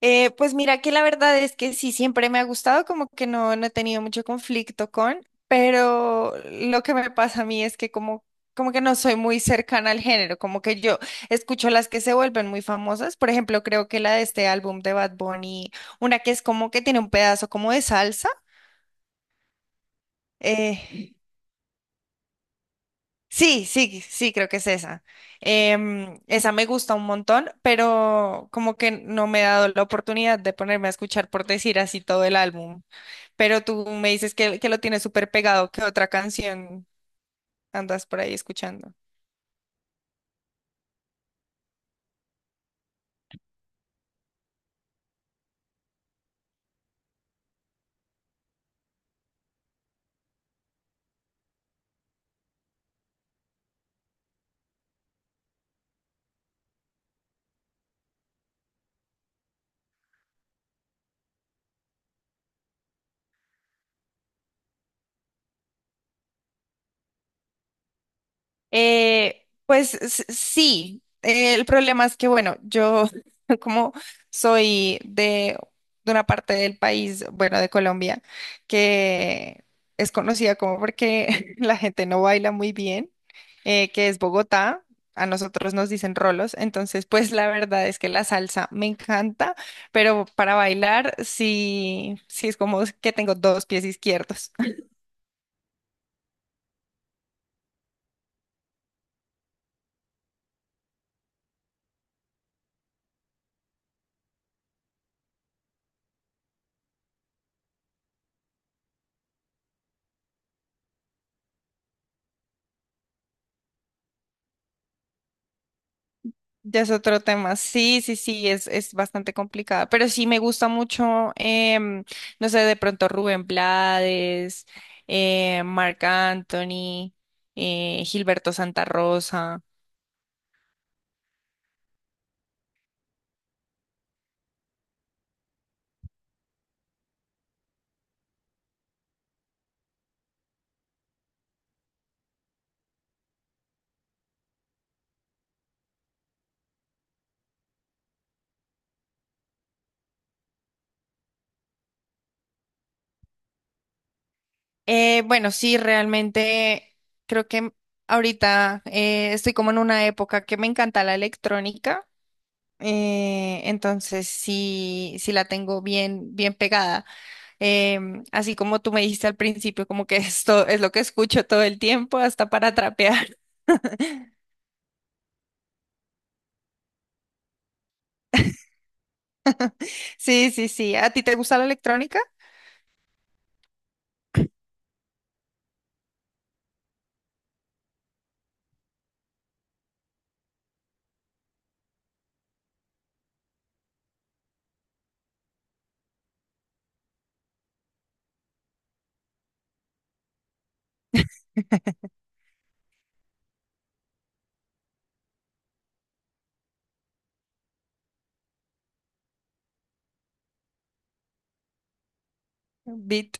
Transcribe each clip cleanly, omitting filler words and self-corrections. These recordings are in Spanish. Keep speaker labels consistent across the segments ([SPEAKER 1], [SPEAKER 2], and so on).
[SPEAKER 1] Pues mira que la verdad es que sí, siempre me ha gustado, como que no he tenido mucho conflicto con, pero lo que me pasa a mí es que como, como que no soy muy cercana al género, como que yo escucho las que se vuelven muy famosas, por ejemplo, creo que la de este álbum de Bad Bunny, una que es como que tiene un pedazo como de salsa. eh, sí, sí, sí, creo que es esa. Esa me gusta un montón, pero como que no me he dado la oportunidad de ponerme a escuchar por decir así todo el álbum. Pero tú me dices que lo tienes súper pegado, ¿qué otra canción andas por ahí escuchando? Pues sí, el problema es que, bueno, yo como soy de una parte del país, bueno, de Colombia, que es conocida como porque la gente no baila muy bien, que es Bogotá. A nosotros nos dicen rolos, entonces pues la verdad es que la salsa me encanta, pero para bailar sí, sí es como que tengo dos pies izquierdos. Ya es otro tema. Sí, sí, sí, es bastante complicada. Pero sí me gusta mucho, no sé, de pronto Rubén Blades, Marc Anthony, Gilberto Santa Rosa. Bueno, sí, realmente creo que ahorita estoy como en una época que me encanta la electrónica. Entonces sí, sí la tengo bien, bien pegada. Así como tú me dijiste al principio, como que esto es lo que escucho todo el tiempo, hasta para trapear. Sí, sí, sí. ¿A ti te gusta la electrónica? Beat.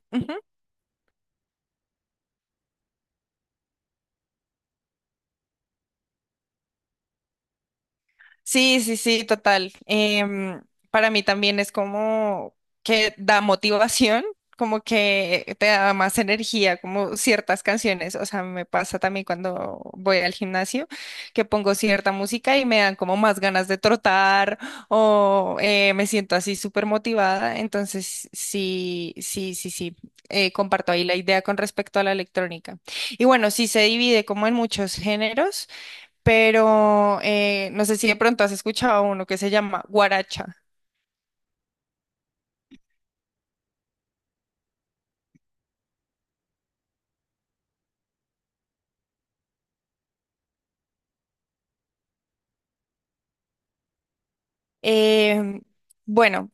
[SPEAKER 1] Sí, sí, sí, total. Para mí también es como que da motivación, como que te da más energía, como ciertas canciones. O sea, me pasa también cuando voy al gimnasio, que pongo cierta música y me dan como más ganas de trotar o me siento así súper motivada. Entonces, sí, sí, sí, sí. Comparto ahí la idea con respecto a la electrónica. Y bueno, sí se divide como en muchos géneros pero no sé si de pronto has escuchado uno que se llama guaracha. Em, bueno,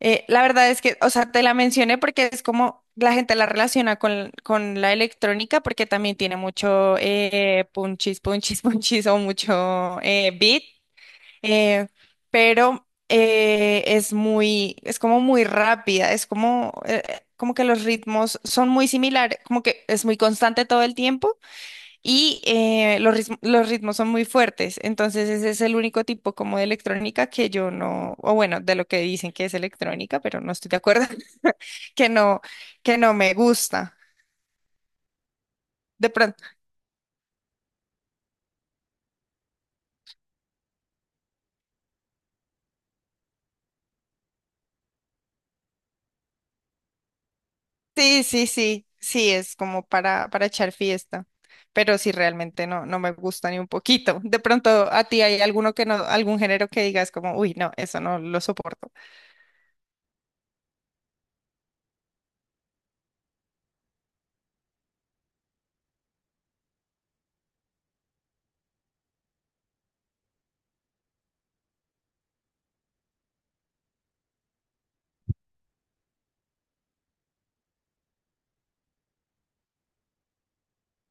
[SPEAKER 1] la verdad es que, o sea, te la mencioné porque es como la gente la relaciona con la electrónica porque también tiene mucho punchis, punchis, punchis o mucho beat, eh, pero es muy, es como muy rápida, es como, como que los ritmos son muy similares, como que es muy constante todo el tiempo. Y los los ritmos son muy fuertes, entonces ese es el único tipo como de electrónica que yo no, o bueno, de lo que dicen que es electrónica, pero no estoy de acuerdo, que no, que no me gusta. De pronto, sí, sí, sí, sí, es como para echar fiesta, pero sí realmente no, no me gusta ni un poquito. De pronto, a ti hay alguno que no, algún género que digas como, uy, no, eso no lo soporto.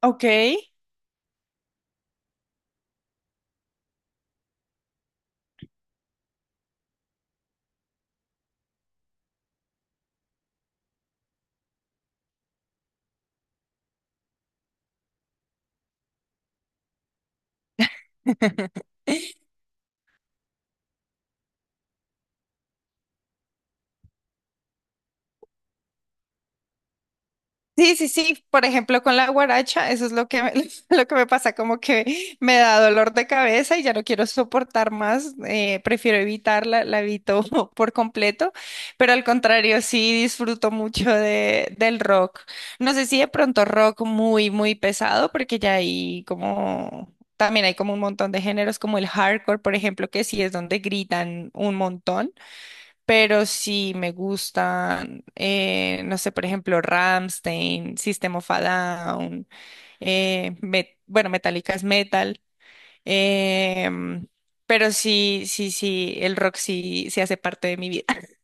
[SPEAKER 1] Ok. Sí, sí, sí. Por ejemplo, con la guaracha, eso es lo que me, lo que me pasa, como que me da dolor de cabeza y ya no quiero soportar más. Prefiero evitarla, la evito por completo. Pero al contrario, sí disfruto mucho de, del rock. No sé si de pronto rock muy, muy pesado, porque ya hay como también hay como un montón de géneros, como el hardcore, por ejemplo, que sí es donde gritan un montón. Pero sí me gustan, no sé, por ejemplo, Rammstein, System of a Down, bueno, Metallica es metal, em, pero sí, sí, sí, el rock sí, sí hace parte de mi vida.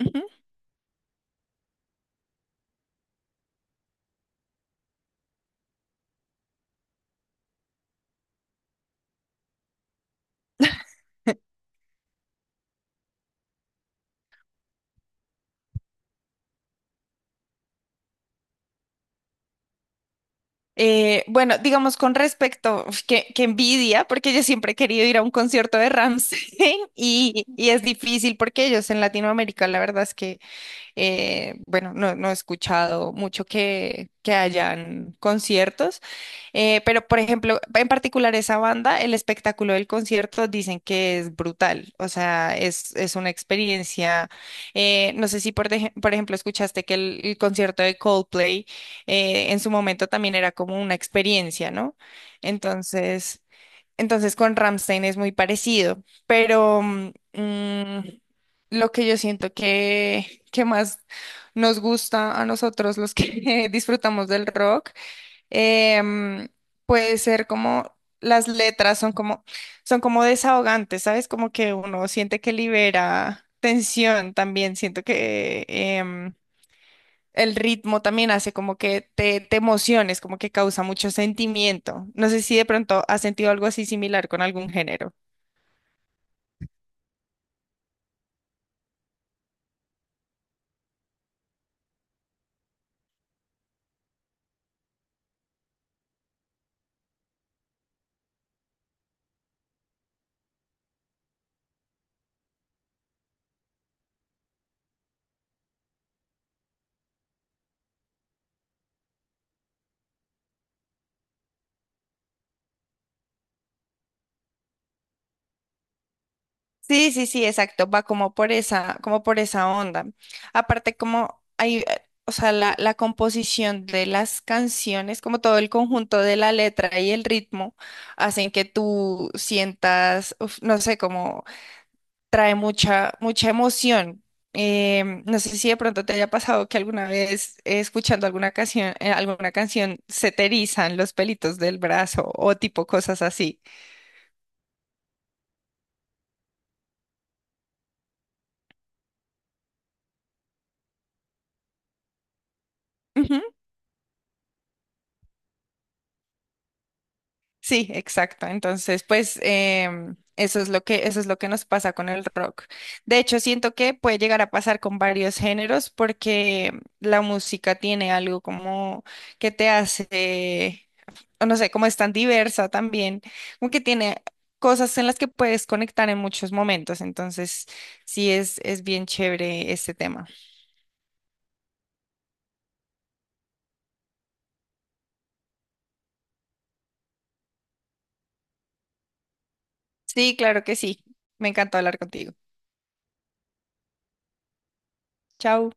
[SPEAKER 1] Ujú. Bueno, digamos con respecto, uf, que envidia, porque yo siempre he querido ir a un concierto de Rammstein y es difícil porque ellos en Latinoamérica, la verdad es que bueno, no, no he escuchado mucho que hayan conciertos, pero por ejemplo, en particular esa banda, el espectáculo del concierto dicen que es brutal, o sea, es una experiencia, no sé si por, por ejemplo escuchaste que el concierto de Coldplay en su momento también era como una experiencia, ¿no? Entonces... Entonces con Rammstein es muy parecido, pero lo que yo siento que más nos gusta a nosotros los que disfrutamos del rock, em, puede ser como las letras son como desahogantes, ¿sabes? Como que uno siente que libera tensión también, siento que el ritmo también hace como que te emociones, como que causa mucho sentimiento. No sé si de pronto has sentido algo así similar con algún género. Sí, sí, sí, exacto. Va como por esa onda. Aparte, como hay, o sea, la composición de las canciones, como todo el conjunto de la letra y el ritmo, hacen que tú sientas, uf, no sé, trae mucha, mucha emoción. No sé si de pronto te haya pasado que alguna vez escuchando alguna canción se te erizan los pelitos del brazo o tipo cosas así. Ujú. Sí, exacto. Entonces, pues eso es lo que, eso es lo que nos pasa con el rock. De hecho, siento que puede llegar a pasar con varios géneros porque la música tiene algo como que te hace o no sé, como es tan diversa también, como que tiene cosas en las que puedes conectar en muchos momentos, entonces sí es bien chévere este tema. Sí, claro que sí, me encantó hablar contigo. Chao.